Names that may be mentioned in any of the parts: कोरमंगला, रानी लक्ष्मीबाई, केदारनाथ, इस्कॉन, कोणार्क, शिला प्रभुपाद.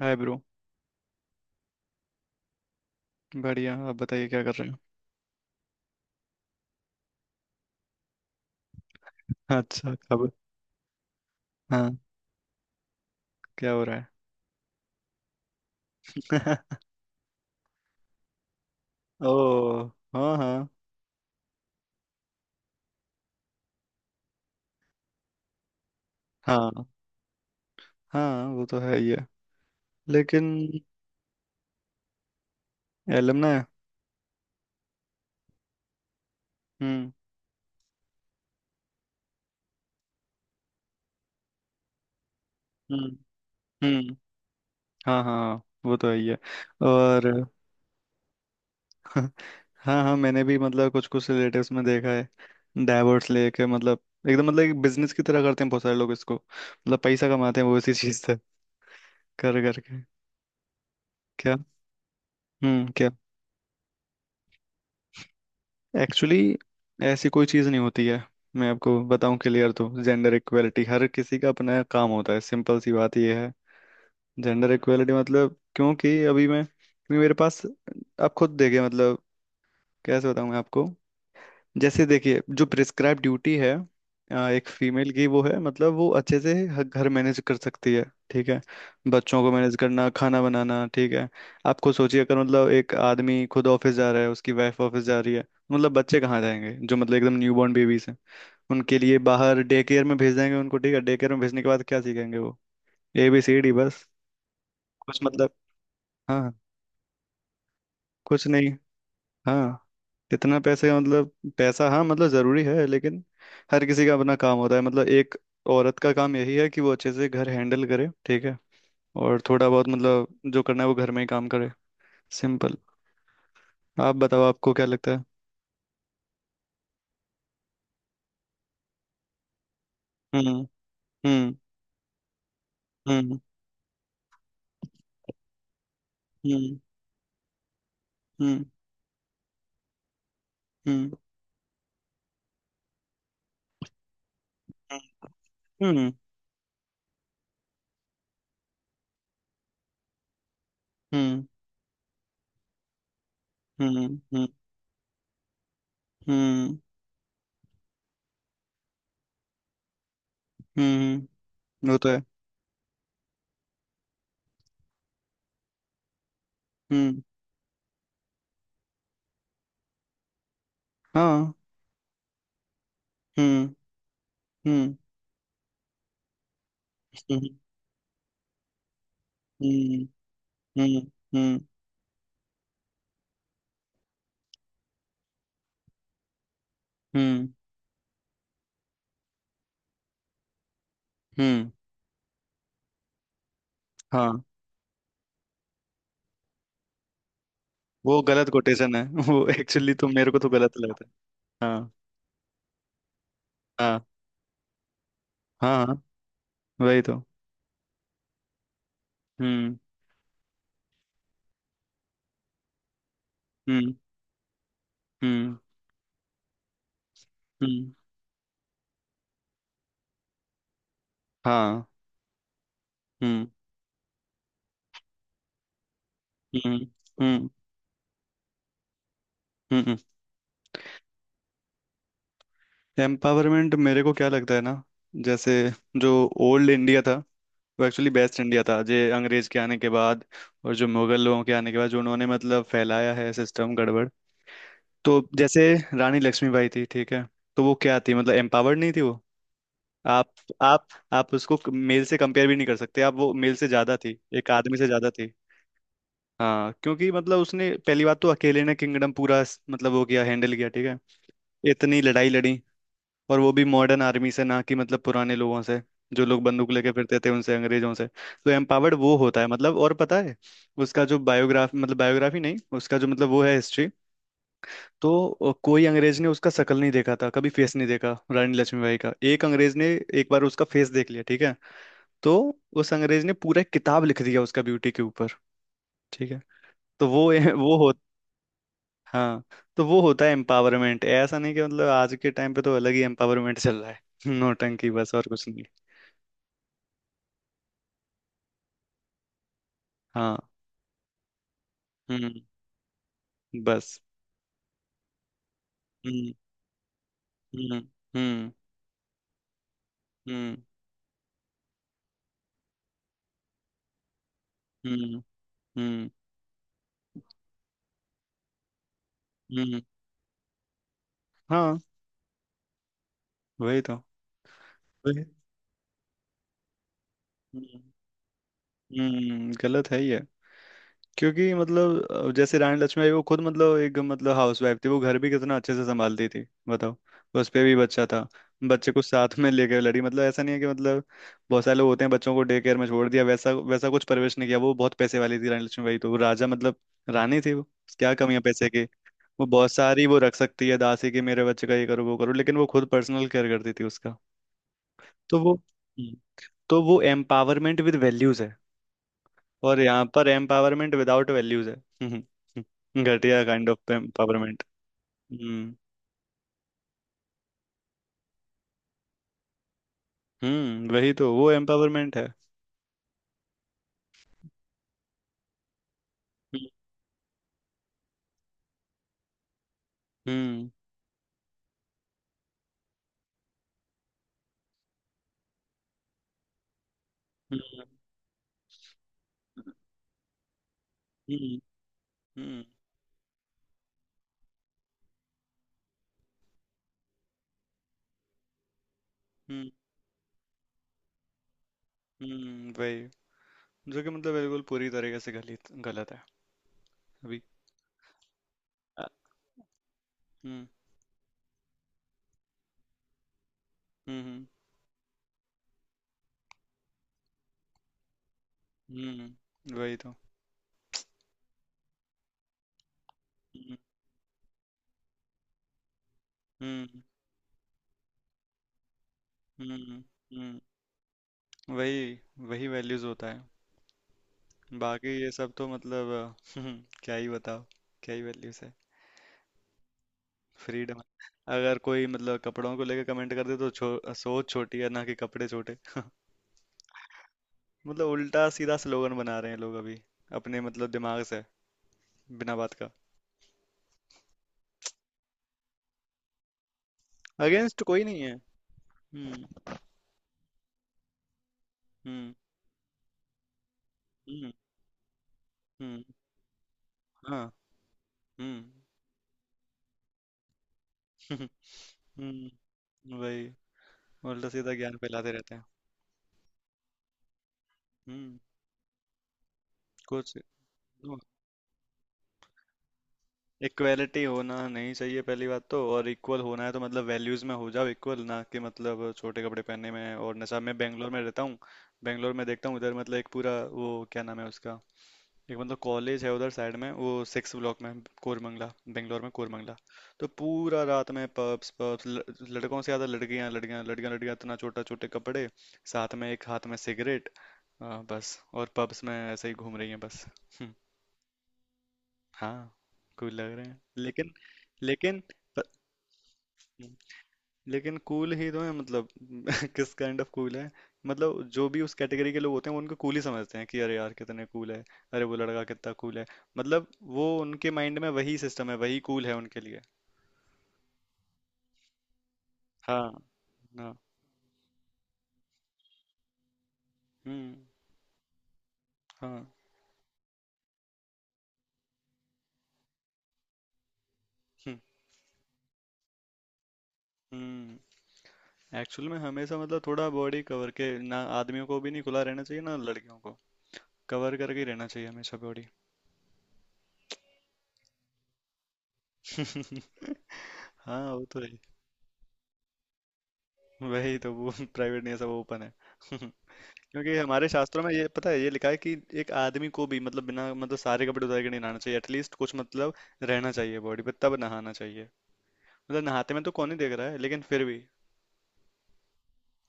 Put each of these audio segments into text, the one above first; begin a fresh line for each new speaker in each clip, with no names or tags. हाय bro. बढ़िया, आप बताइए क्या कर रहे हो। अच्छा, खबर। हाँ। क्या हो रहा है। ओ। हाँ हाँ हाँ, हाँ। वो तो है ही है। लेकिन एलमना है। हम्म। हम्म। हम्म। हाँ, हाँ, हाँ। वो तो है ही है। और। हाँ हाँ, मैंने भी मतलब कुछ कुछ रिलेटिव्स में देखा है डाइवर्स लेके मतलब एकदम मतलब एक बिजनेस की तरह करते हैं। बहुत सारे लोग इसको मतलब पैसा कमाते हैं वो इसी चीज से कर करके। क्या। हम्म, क्या। एक्चुअली ऐसी कोई चीज़ नहीं होती है। मैं आपको बताऊं क्लियर तो जेंडर इक्वेलिटी हर किसी का अपना काम होता है। सिंपल सी बात यह है। जेंडर इक्वेलिटी मतलब क्योंकि अभी मैं क्योंकि मेरे पास, आप खुद देखिए मतलब कैसे बताऊं मैं आपको। जैसे देखिए जो प्रिस्क्राइब ड्यूटी है एक फीमेल की, वो है मतलब वो अच्छे से घर मैनेज कर सकती है। ठीक है। बच्चों को मैनेज करना, खाना बनाना, ठीक है। आप खुद सोचिए अगर मतलब एक आदमी खुद ऑफिस जा रहा है, उसकी वाइफ ऑफिस जा रही है, मतलब बच्चे कहाँ जाएंगे जो मतलब एकदम न्यूबॉर्न बेबीज हैं। उनके लिए बाहर डे केयर में भेज देंगे उनको, ठीक है। डे केयर में भेजने के बाद क्या सीखेंगे वो, ए बी सी डी, बस। कुछ मतलब। हाँ। कुछ नहीं। हाँ। कितना पैसे का मतलब, पैसा, हाँ मतलब जरूरी है लेकिन हर किसी का अपना काम होता है। मतलब एक औरत का काम यही है कि वो अच्छे से घर हैंडल करे, ठीक है। और थोड़ा बहुत मतलब जो करना है वो घर में ही काम करे। सिंपल। आप बताओ, आपको क्या लगता है। हम्म हम्म हम्म हम्म हम्म हम्म हम्म हम्म हम्म हम्म हम्म हम्म हम्म, वो तो है। हम्म। हाँ। हम्म हम्म हम्म हम्म हम्म हम्म। हम्म। हाँ। वो गलत कोटेशन है। वो एक्चुअली तो मेरे को तो गलत लगता है। हाँ। हाँ हाँ, हाँ, वही तो। हम्म हम्म हम्म हम्म। हाँ। हम्म हम्म हम्म हम्म। एम्पावरमेंट मेरे को क्या लगता है ना, जैसे जो ओल्ड इंडिया था, वो एक्चुअली बेस्ट इंडिया था। जे अंग्रेज के आने के बाद और जो मुगल लोगों के आने के बाद जो उन्होंने मतलब फैलाया है सिस्टम गड़बड़। तो जैसे रानी लक्ष्मीबाई थी, ठीक है। तो वो क्या थी मतलब एम्पावर्ड नहीं थी वो। आप आप आप उसको मेल से कंपेयर भी नहीं कर सकते। आप वो मेल से ज्यादा थी, एक आदमी से ज्यादा थी। हाँ, क्योंकि मतलब उसने पहली बात तो अकेले ने किंगडम पूरा मतलब वो किया, हैंडल किया, ठीक है। इतनी लड़ाई लड़ी, और वो भी मॉडर्न आर्मी से, ना कि मतलब पुराने लोगों से। जो लोग बंदूक लेके फिरते थे, उनसे, अंग्रेजों से। तो एम्पावर्ड वो होता है मतलब। और पता है, उसका जो बायोग्राफ मतलब बायोग्राफी नहीं, उसका जो मतलब वो है हिस्ट्री, तो कोई अंग्रेज ने उसका शकल नहीं देखा था कभी, फेस नहीं देखा रानी लक्ष्मीबाई का। एक अंग्रेज ने एक बार उसका फेस देख लिया, ठीक है। तो उस अंग्रेज ने पूरा एक किताब लिख दिया उसका ब्यूटी के ऊपर, ठीक है। तो वो, वो हो। हाँ। तो वो होता है एम्पावरमेंट। ऐसा नहीं कि मतलब आज के टाइम पे तो अलग ही एम्पावरमेंट चल रहा है। नौटंकी, बस और कुछ नहीं। हाँ। हम्म। बस। हम्म हम्म हम्म हम्म हम्म हम्म हम्म, हाँ। वही तो। वही। हम्म। गलत है ये। क्योंकि मतलब जैसे रानी लक्ष्मीबाई वो खुद मतलब एक मतलब हाउस वाइफ थी। वो घर भी कितना अच्छे से संभालती थी, बताओ। उस पे भी बच्चा था, बच्चे को साथ में लेकर लड़ी। मतलब ऐसा नहीं है कि मतलब बहुत सारे लोग होते हैं बच्चों को डे केयर में छोड़ दिया, वैसा वैसा कुछ परवरिश नहीं किया। वो बहुत पैसे वाली थी, रानी लक्ष्मीबाई, तो वो राजा मतलब रानी थी वो। क्या कमी है पैसे की। वो बहुत सारी वो रख सकती है, दासी की, मेरे बच्चे का ये करो वो करो, लेकिन वो खुद पर्सनल केयर करती थी उसका। तो वो हम्म। तो वो एम्पावरमेंट विद वैल्यूज है, और यहाँ पर एम्पावरमेंट विदाउट वैल्यूज है। घटिया काइंड ऑफ एम्पावरमेंट। हम्म। हम्म, वही तो, वो एम्पावरमेंट है। हम्म हम्म हम्म हम्म हम्म हम्म, हम्म, वही। जो कि मतलब बिल्कुल पूरी तरीके से गलत, गलत है। अभी अ, हम्म। हम्म हम्म, वही तो। हम्म हम्म हम्म हम्म, वही। वही वैल्यूज होता है। बाकी ये सब तो मतलब क्या ही बताओ। क्या ही वैल्यूज है। फ्रीडम है। अगर कोई मतलब कपड़ों को लेकर कमेंट कर दे तो सोच छोटी है ना कि कपड़े छोटे। मतलब उल्टा सीधा स्लोगन बना रहे हैं लोग अभी अपने मतलब दिमाग से, बिना बात का। अगेंस्ट कोई नहीं है। हम्म हम्म हम्म हम्म। हाँ। हम्म। हम्म। वही। उल्टा सीधा ज्ञान फैलाते रहते हैं। हम्म। कुछ। इक्वेलिटी होना नहीं चाहिए पहली बात तो। और इक्वल होना है तो मतलब वैल्यूज में हो जाओ इक्वल, ना कि मतलब छोटे कपड़े पहनने में और नशा। मैं बेंगलोर में रहता हूँ, बेंगलोर में देखता हूँ उधर मतलब एक पूरा वो क्या नाम है उसका, एक मतलब कॉलेज है उधर साइड में, वो सिक्स ब्लॉक में, कोरमंगला, बेंगलोर में कोरमंगला। तो पूरा रात में पब्स पब्स, लड़कों से ज़्यादा लड़कियां लड़कियां लड़कियां लड़कियां, इतना छोटा छोटे कपड़े, साथ में एक हाथ में सिगरेट, बस, और पब्स में ऐसे ही घूम रही हैं बस। हाँ, कूल लग रहे हैं लेकिन, लेकिन प- लेकिन कूल ही तो है मतलब। किस काइंड ऑफ कूल है। मतलब जो भी उस कैटेगरी के लोग होते हैं, वो उनको कूल ही समझते हैं कि अरे यार कितने कूल है, अरे वो लड़का कितना कूल है, मतलब वो उनके माइंड में वही सिस्टम है, वही कूल है उनके लिए। हाँ। हाँ। हम्म। हाँ। हम्म। हम्म। एक्चुअल में हमेशा मतलब थोड़ा बॉडी कवर के, ना आदमियों को भी नहीं खुला रहना चाहिए ना लड़कियों को, कवर करके ही रहना चाहिए हमेशा बॉडी। हाँ वो तो है। वही तो, वो प्राइवेट नहीं है, सब ओपन है। क्योंकि हमारे शास्त्रों में ये पता है ये लिखा है कि एक आदमी को भी मतलब बिना मतलब सारे कपड़े उतार के नहीं नहाना चाहिए, एटलीस्ट कुछ मतलब रहना चाहिए बॉडी पे, तब नहाना चाहिए। मतलब नहाते में तो कौन ही देख रहा है, लेकिन फिर भी।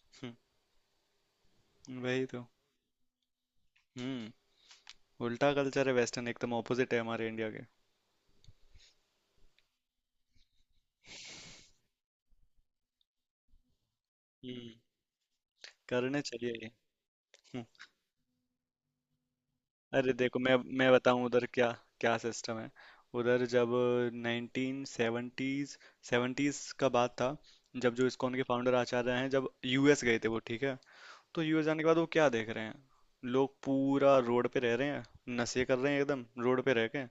वही तो। हम्म। उल्टा कल्चर है वेस्टर्न, एकदम ऑपोजिट है हमारे इंडिया के। हम्म। करने चाहिए ये। अरे देखो, मैं बताऊं उधर क्या क्या सिस्टम है। उधर जब 1970s, सेवेंटीज का बात था, जब जो इस्कॉन के फाउंडर आचार्य हैं, जब यूएस गए थे वो, ठीक है। तो यूएस जाने के बाद वो क्या देख रहे हैं, लोग पूरा रोड पे रह रहे हैं, नशे कर रहे हैं एकदम, रोड पे रह के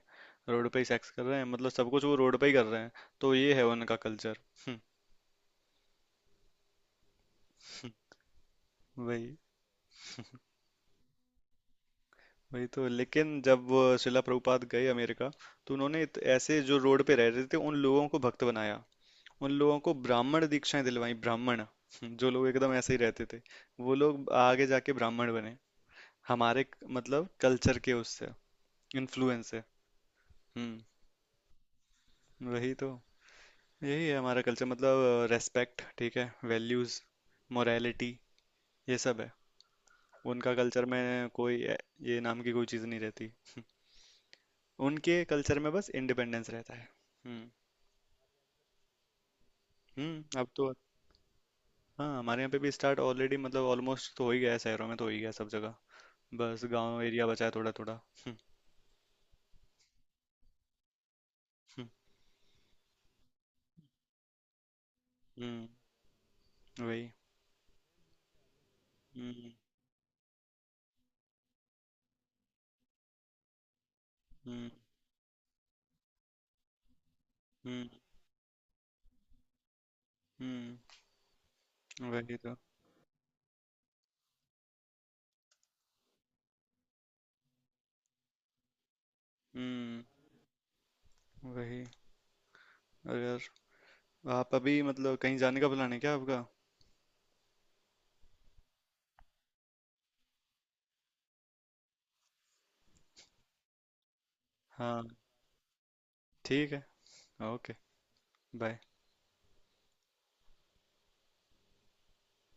रोड पे ही सेक्स कर रहे हैं, मतलब सब कुछ वो रोड पे ही कर रहे हैं। तो ये है उनका कल्चर। वही। वही तो, लेकिन जब शिला प्रभुपाद गए अमेरिका, तो उन्होंने ऐसे जो रोड पे रह रहे थे उन लोगों को भक्त बनाया, उन लोगों को ब्राह्मण दीक्षाएं दिलवाई, ब्राह्मण। जो लोग एकदम ऐसे ही रहते थे, वो लोग आगे जाके ब्राह्मण बने हमारे मतलब कल्चर के उससे इन्फ्लुएंस से। हम्म, वही तो। यही है हमारा कल्चर, मतलब रेस्पेक्ट, ठीक है, वैल्यूज, मोरालिटी, ये सब है उनका कल्चर में। कोई ए- ये नाम की कोई चीज़ नहीं रहती। उनके कल्चर में बस इंडिपेंडेंस रहता है। हम्म। हम्म, अब तो। हाँ, हमारे यहाँ पे भी स्टार्ट ऑलरेडी मतलब ऑलमोस्ट तो हो ही गया है, शहरों में तो हो ही गया सब जगह, बस गांव एरिया बचा है थोड़ा थोड़ा। हम्म हम्म, हम्म, वही। हम्म हम्म हम्म हम्म, वही तो। हम्म। वही। अरे यार, आप अभी मतलब कहीं जाने का प्लान है क्या आपका। हाँ। ठीक है। ओके। बाय।